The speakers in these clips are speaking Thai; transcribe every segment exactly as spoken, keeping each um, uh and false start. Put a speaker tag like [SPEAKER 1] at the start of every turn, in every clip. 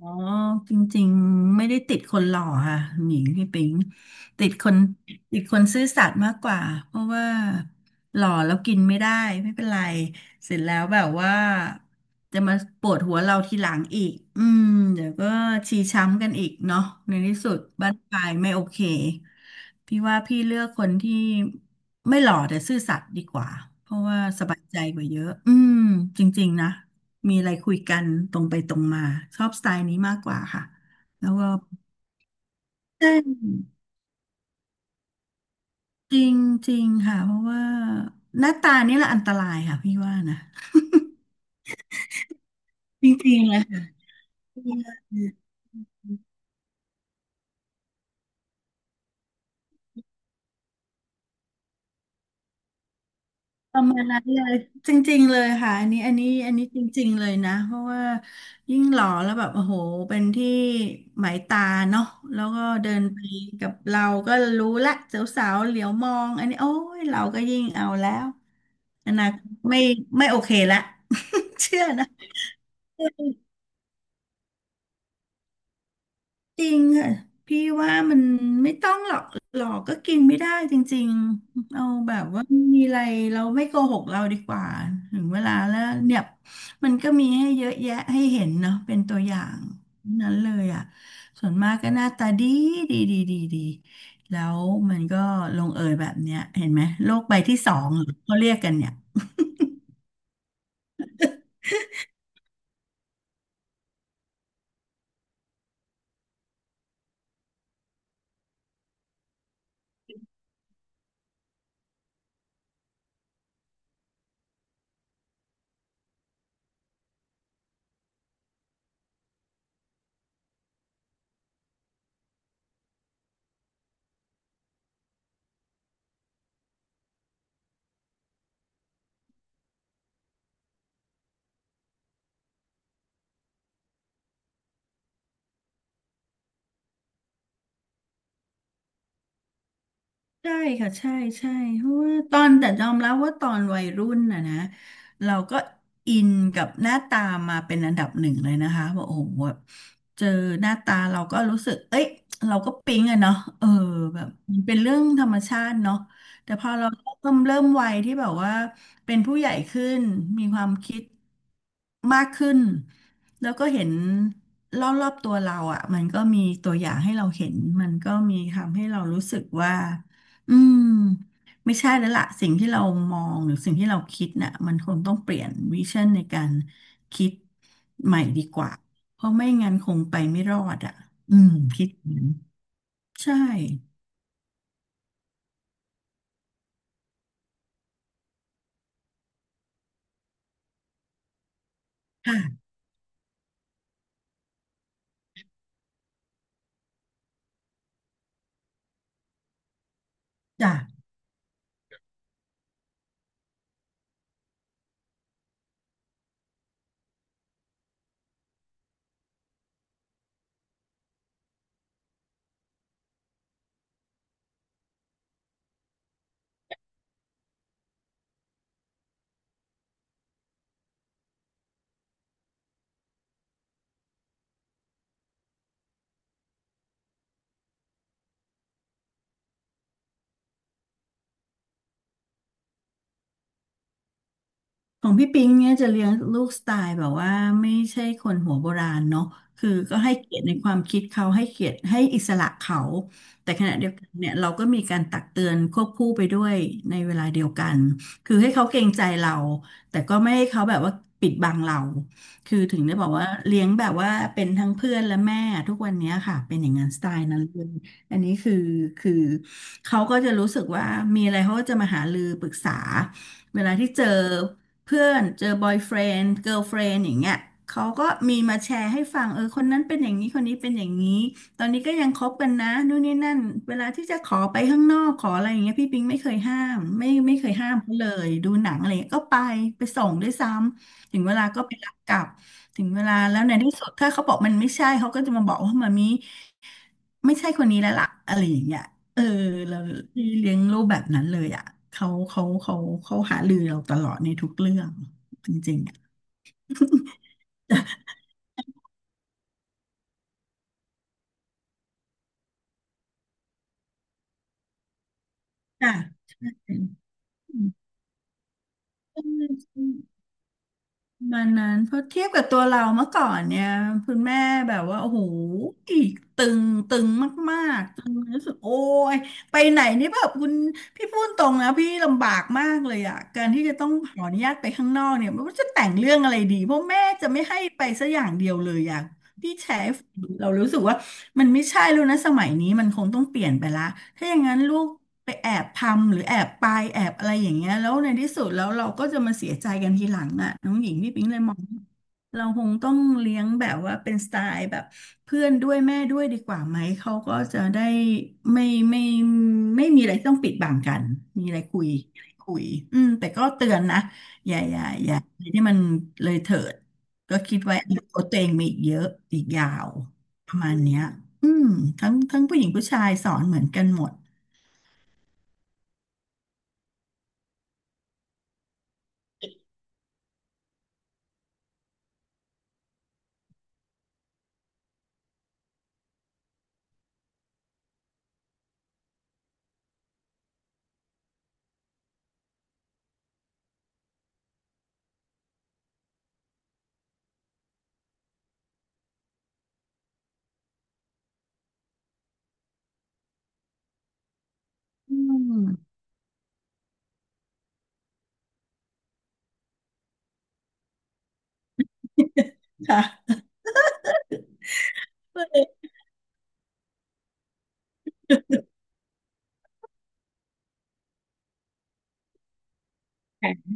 [SPEAKER 1] อ๋อจริงๆไม่ได้ติดคนหล่อค่ะหนิงพี่ปิงติดคนติดคนซื่อสัตย์มากกว่าเพราะว่าหล่อแล้วกินไม่ได้ไม่เป็นไรเสร็จแล้วแบบว่าจะมาปวดหัวเราทีหลังอีกอืมเดี๋ยวก็ชีช้ำกันอีกเนาะในที่สุดบ้านปลายไม่โอเคพี่ว่าพี่เลือกคนที่ไม่หล่อแต่ซื่อสัตย์ดีกว่าเพราะว่าสบายใจกว่าเยอะอืมจริงๆนะ มีอะไรคุยกันตรงไปตรงมาชอบสไตล์นี้มากกว่าค่ะแล้วก็ใช่จริงจริงค่ะเพราะว่าหน้าตานี่แหละอันตรายค่ะพี่ว่านะ จริงๆเลยค่ะ ประมาณนั้นเลยจริงๆเลยค่ะอันนี้อันนี้อันนี้จริงๆเลยนะเพราะว่ายิ่งหล่อแล้วแบบโอ้โหเป็นที่หมายตาเนาะแล้วก็เดินไปกับเราก็รู้ละสาวๆเหลียวมองอันนี้โอ้ยเราก็ยิ่งเอาแล้วอนาคตไม่ไม่โอเคละ เชื่อนะ จริงค่ะพี่ว่ามันไม่ต้องหรอกหลอกก็กินไม่ได้จริงๆเอาแบบว่ามีอะไรเราไม่โกหกเราดีกว่าถึงเวลาแล้วเนี่ยมันก็มีให้เยอะแยะให้เห็นเนาะเป็นตัวอย่างนั้นเลยอ่ะส่วนมากก็หน้าตาดีดีดีดีดีแล้วมันก็ลงเอยแบบเนี้ยเห็นไหมโลกใบที่สองเหรอเขาเรียกกันเนี่ย ใช่ค่ะใช่ใช่เพราะว่าตอนแต่ยอมรับว่าตอนวัยรุ่นน่ะนะเราก็อินกับหน้าตามาเป็นอันดับหนึ่งเลยนะคะบอกโอ้โหแบบเจอหน้าตาเราก็รู้สึกเอ้ยเราก็ปิ๊งอะเนาะเออแบบมันเป็นเรื่องธรรมชาติเนาะแต่พอเราเริ่มเริ่มวัยที่แบบว่าเป็นผู้ใหญ่ขึ้นมีความคิดมากขึ้นแล้วก็เห็นรอบๆตัวเราอ่ะมันก็มีตัวอย่างให้เราเห็นมันก็มีทำให้เรารู้สึกว่า อืมไม่ใช่แล้วล่ะสิ่งที่เรามองหรือสิ่งที่เราคิดน่ะมันคงต้องเปลี่ยนวิชั่นในการคิดใหม่ดีกว่าเพราะไม่งั้นคงไปไม่รอดอ่ะอืมคิดอย่างนั้นใช่ค่ะจ้ะ ของพี่ปิงเนี่ยจะเลี้ยงลูกสไตล์แบบว่าไม่ใช่คนหัวโบราณเนาะคือก็ให้เกียรติในความคิดเขาให้เกียรติให้อิสระเขาแต่ขณะเดียวกันเนี่ยเราก็มีการตักเตือนควบคู่ไปด้วยในเวลาเดียวกันคือให้เขาเกรงใจเราแต่ก็ไม่ให้เขาแบบว่าปิดบังเราคือถึงได้บอกว่าเลี้ยงแบบว่าเป็นทั้งเพื่อนและแม่ทุกวันเนี้ยค่ะเป็นอย่างนั้นสไตล์นั้นเลยอันนี้คือคือเขาก็จะรู้สึกว่ามีอะไรเขาก็จะมาหารือปรึกษาเวลาที่เจอ เพื่อนเจอบอยเฟรนด์เกิร์ลเฟรนด์อย่างเงี้ยเขาก็มีมาแชร์ให้ฟังเออคนนั้นเป็นอย่างนี้คนนี้เป็นอย่างนี้ตอนนี้ก็ยังคบกันนะนู่นนี่นั่นเวลาที่จะขอไปข้างนอกขออะไรอย่างเงี้ยพี่ปิงไม่เคยห้ามไม่ไม่เคยห้ามเขาเลยดูหนังอะไรเงี้ยก็ไปไปส่งด้วยซ้ำถึงเวลาก็ไปรับกลับถึงเวลาแล้วในที่สุดถ้าเขาบอกมันไม่ใช่เขาก็จะมาบอกว่ามามีไม่ใช่คนนี้แล้วล่ะอะไรอย่างเงี้ย เออเราที่เลี้ยงลูกแบบนั้นเลยอ่ะเขาเขาเขาเขาหารือเราตลอดในทุกเรื่องจริงๆอ่ะ จ้ะใช่ ประมาณนั้นเพราะเทียบกับตัวเราเมื่อก่อนเนี่ยคุณแม่แบบว่าโอ้โหตึงตึงมากๆตึงรู้สึกโอ้ยไปไหนนี่แบบคุณพี่พูดตรงนะพี่ลำบากมากเลยอ่ะการที่จะต้องขออนุญาตไปข้างนอกเนี่ยไม่รู้จะแต่งเรื่องอะไรดีเพราะแม่จะไม่ให้ไปสักอย่างเดียวเลยอ่ะพี่แชร์ให้ฟังเรารู้สึกว่ามันไม่ใช่แล้วนะสมัยนี้มันคงต้องเปลี่ยนไปละถ้าอย่างนั้นลูก ไปแอบทำหรือแอบไปแอบอะไรอย่างเงี้ยแล้วในที่สุดแล้วเราก็จะมาเสียใจกันทีหลังอ่ะน้องหญิงพี่ปิ๊งเลยมองว่าเราคงต้องเลี้ยงแบบว่าเป็นสไตล์แบบเพื่อนด้วยแม่ด้วยดีกว่าไหมเขาก็จะได้ไม่ไม่ไม่มีอะไรต้องปิดบังกันมีอะไรคุยมีอะไรคุยอืมแต่ก็เตือนนะอย่าอย่าอย่าอะไรที่มันเลยเถิดก็คิดไว้อาตตัวเองมีอีกเยอะอีกยาวประมาณเนี้ยอืมทั้งทั้งผู้หญิงผู้ชายสอนเหมือนกันหมดอืม ค่ะก็เลยค่ะ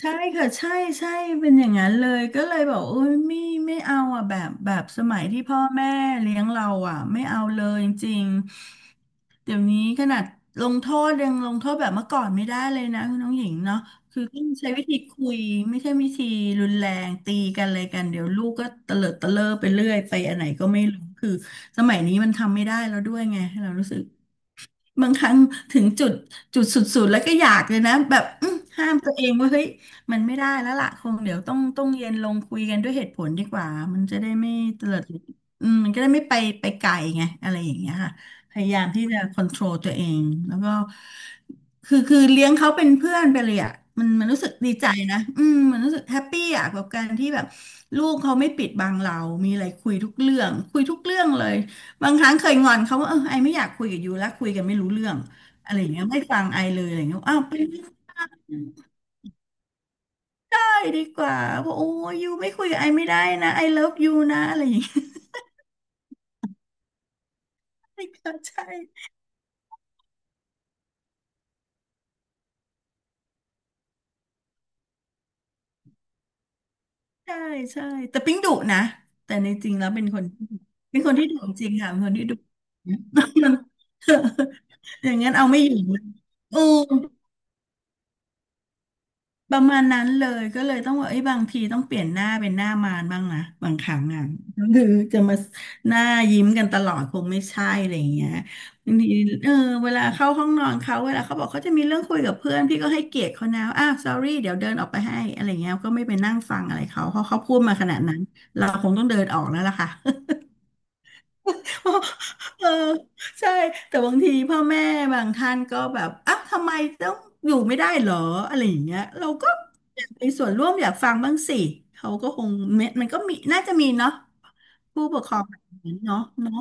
[SPEAKER 1] ใช่ใช่ค่ะใช่ใช่เป็นอย่างนั้นเลยก็เลยบอกโอ้ยไม่ไม่เอาอ่ะแบบแบบสมัยที่พ่อแม่เลี้ยงเราอ่ะไม่เอาเลยจริงๆเดี๋ยวนี้ขนาดลงโทษยังลงโทษแบบเมื่อก่อนไม่ได้เลยนะคุณน้องหญิงเนาะคือต้องใช้วิธีคุยไม่ใช่วิธีรุนแรงตีกันอะไรกันเดี๋ยวลูกก็เตลิดเตะเลอไปเรื่อยไปอันไหนก็ไม่รู้คือสมัยนี้มันทำไม่ได้แล้วด้วยไงเรารู้สึก บางครั้งถึงจุดจุดสุดๆแล้วก็อยากเลยนะแบบอื้อห้ามตัวเองว่าเฮ้ยมันไม่ได้แล้วล่ะคงเดี๋ยวต้องต้องเย็นลงคุยกันด้วยเหตุผลดีกว่ามันจะได้ไม่เตลิดอืมมันก็ได้ไม่ไปไปไกลไงอะไรอย่างเงี้ยค่ะพยายามที่จะซี โอ เอ็น ที อาร์ โอ แอล ตัวเองแล้วก็คือคือเลี้ยงเขาเป็นเพื่อนไปเลยอ่ะมันมันรู้สึกดีใจนะอืมมันรู้สึกแฮปปี้อ่ะกับการที่แบบลูกเขาไม่ปิดบังเรา มีอะไรคุยทุกเรื่องคุยทุกเรื่องเลย บางครั้งเคยงอนเขาว่าเออไอไม่อยากคุยกับยูแล้วคุยกันไม่รู้เรื่องอะไรอย่างเงี้ยไม่ฟังไอเลยอะไรอย่างเงี้ยอ้าวไปได้ดีกว่าบอกะโอ้ยยูไม่คุยกับไอไม่ได้นะไอเลิฟยูนะอะไรอย่างเงี้ย ใช่ใช่ใช่แต่ปิ๊งดุนะแต่ในจริงแล้วเป็นคนเป็นคนที่ดุจริงค่ะเป็นคนที่ดุ อย่างงั้นเอาไม่อยู่นะโอ้ ประมาณนั้นเลยก็เลยต้องว่าไอ้ยบางทีต้องเปลี่ยนหน้าเป็นหน้ามารบ้างนะบางครั้งอ่ะคือจะมาหน้ายิ้มกันตลอดคงไม่ใช่อะไรอย่างเงี้ยบางทีเออเวลาเข้าห้องนอนเขาเวลาเขาบอกเขาจะมีเรื่องคุยกับเพื่อนพี่ก็ให้เกียรติเขานะอ้าว sorry เดี๋ยวเดินออกไปให้อะไรเงี้ยก็ไม่ไปนั่งฟังอะไรเขาเพราะเขาพูดมาขนาดนั้นเราคงต้องเดินออกแล้วล่ะค่ะ เออใช่แต่บางทีพ่อแม่บางท่านก็แบบอ่ะทำไมต้องอยู่ไม่ได้เหรออะไรอย่างเงี้ยเราก็อยากมีส่วนร่วมอยากฟังบ้างสิเขาก็คงมันก็มีน่าจะมีเนาะผู้ปกครองแบบนั้นเนาะเนาะ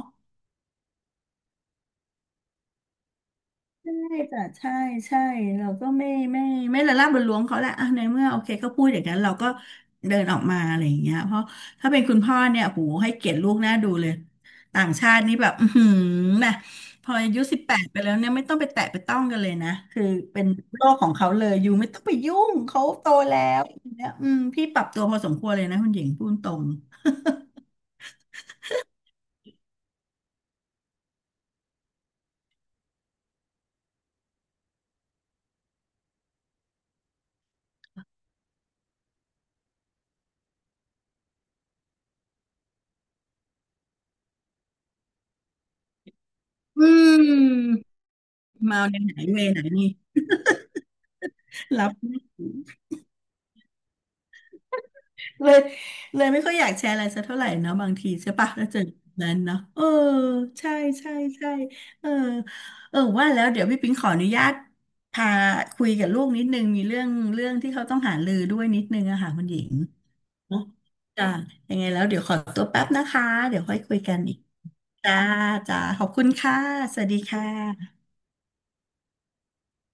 [SPEAKER 1] ใช่จ้ะใช่ใช่เราก็ไม่ไม่ไม่ละล่ำละล้วงเขาแหละอ่ะในเมื่อโอเคก็พูดอย่างนั้นเราก็เดินออกมาอะไรอย่างเงี้ยเพราะถ้าเป็นคุณพ่อเนี่ยโหให้เกียรติลูกน่าดูเลยต่างชาตินี่แบบอือหือนะพออายุสิบแปดไปแล้วเนี่ยไม่ต้องไปแตะไปต้องกันเลยนะคือเป็นโลกของเขาเลยอยู่ไม่ต้องไปยุ่งเขาโตแล้วอย่างเนี่ยอืมพี่ปรับตัวพอสมควรเลยนะคุณหญิงพูดตรงอืมมาในไหนเวไหนนี่รับ เลยเลยไม่ค่อยอยากแชร์อะไรสักเท่าไหร่เนาะบางทีใช่ปะแล้วเจอแบบนั้นเนาะเออใช่ใช่ใช่เออเออว่าแล้วเดี๋ยวพี่ปิ๊งขออนุญาตพาคุยกับลูกนิดนึงมีเรื่องเรื่องที่เขาต้องหารือด้วยนิดนึงอะค่ะคุณหญิงเนาะจ้ะยังไงแล้วเดี๋ยวขอตัวแป๊บนะคะเดี๋ยวค่อยคุยกันอีกจ้าจ้าขอบคุณค่ะสวัสดีค่ะ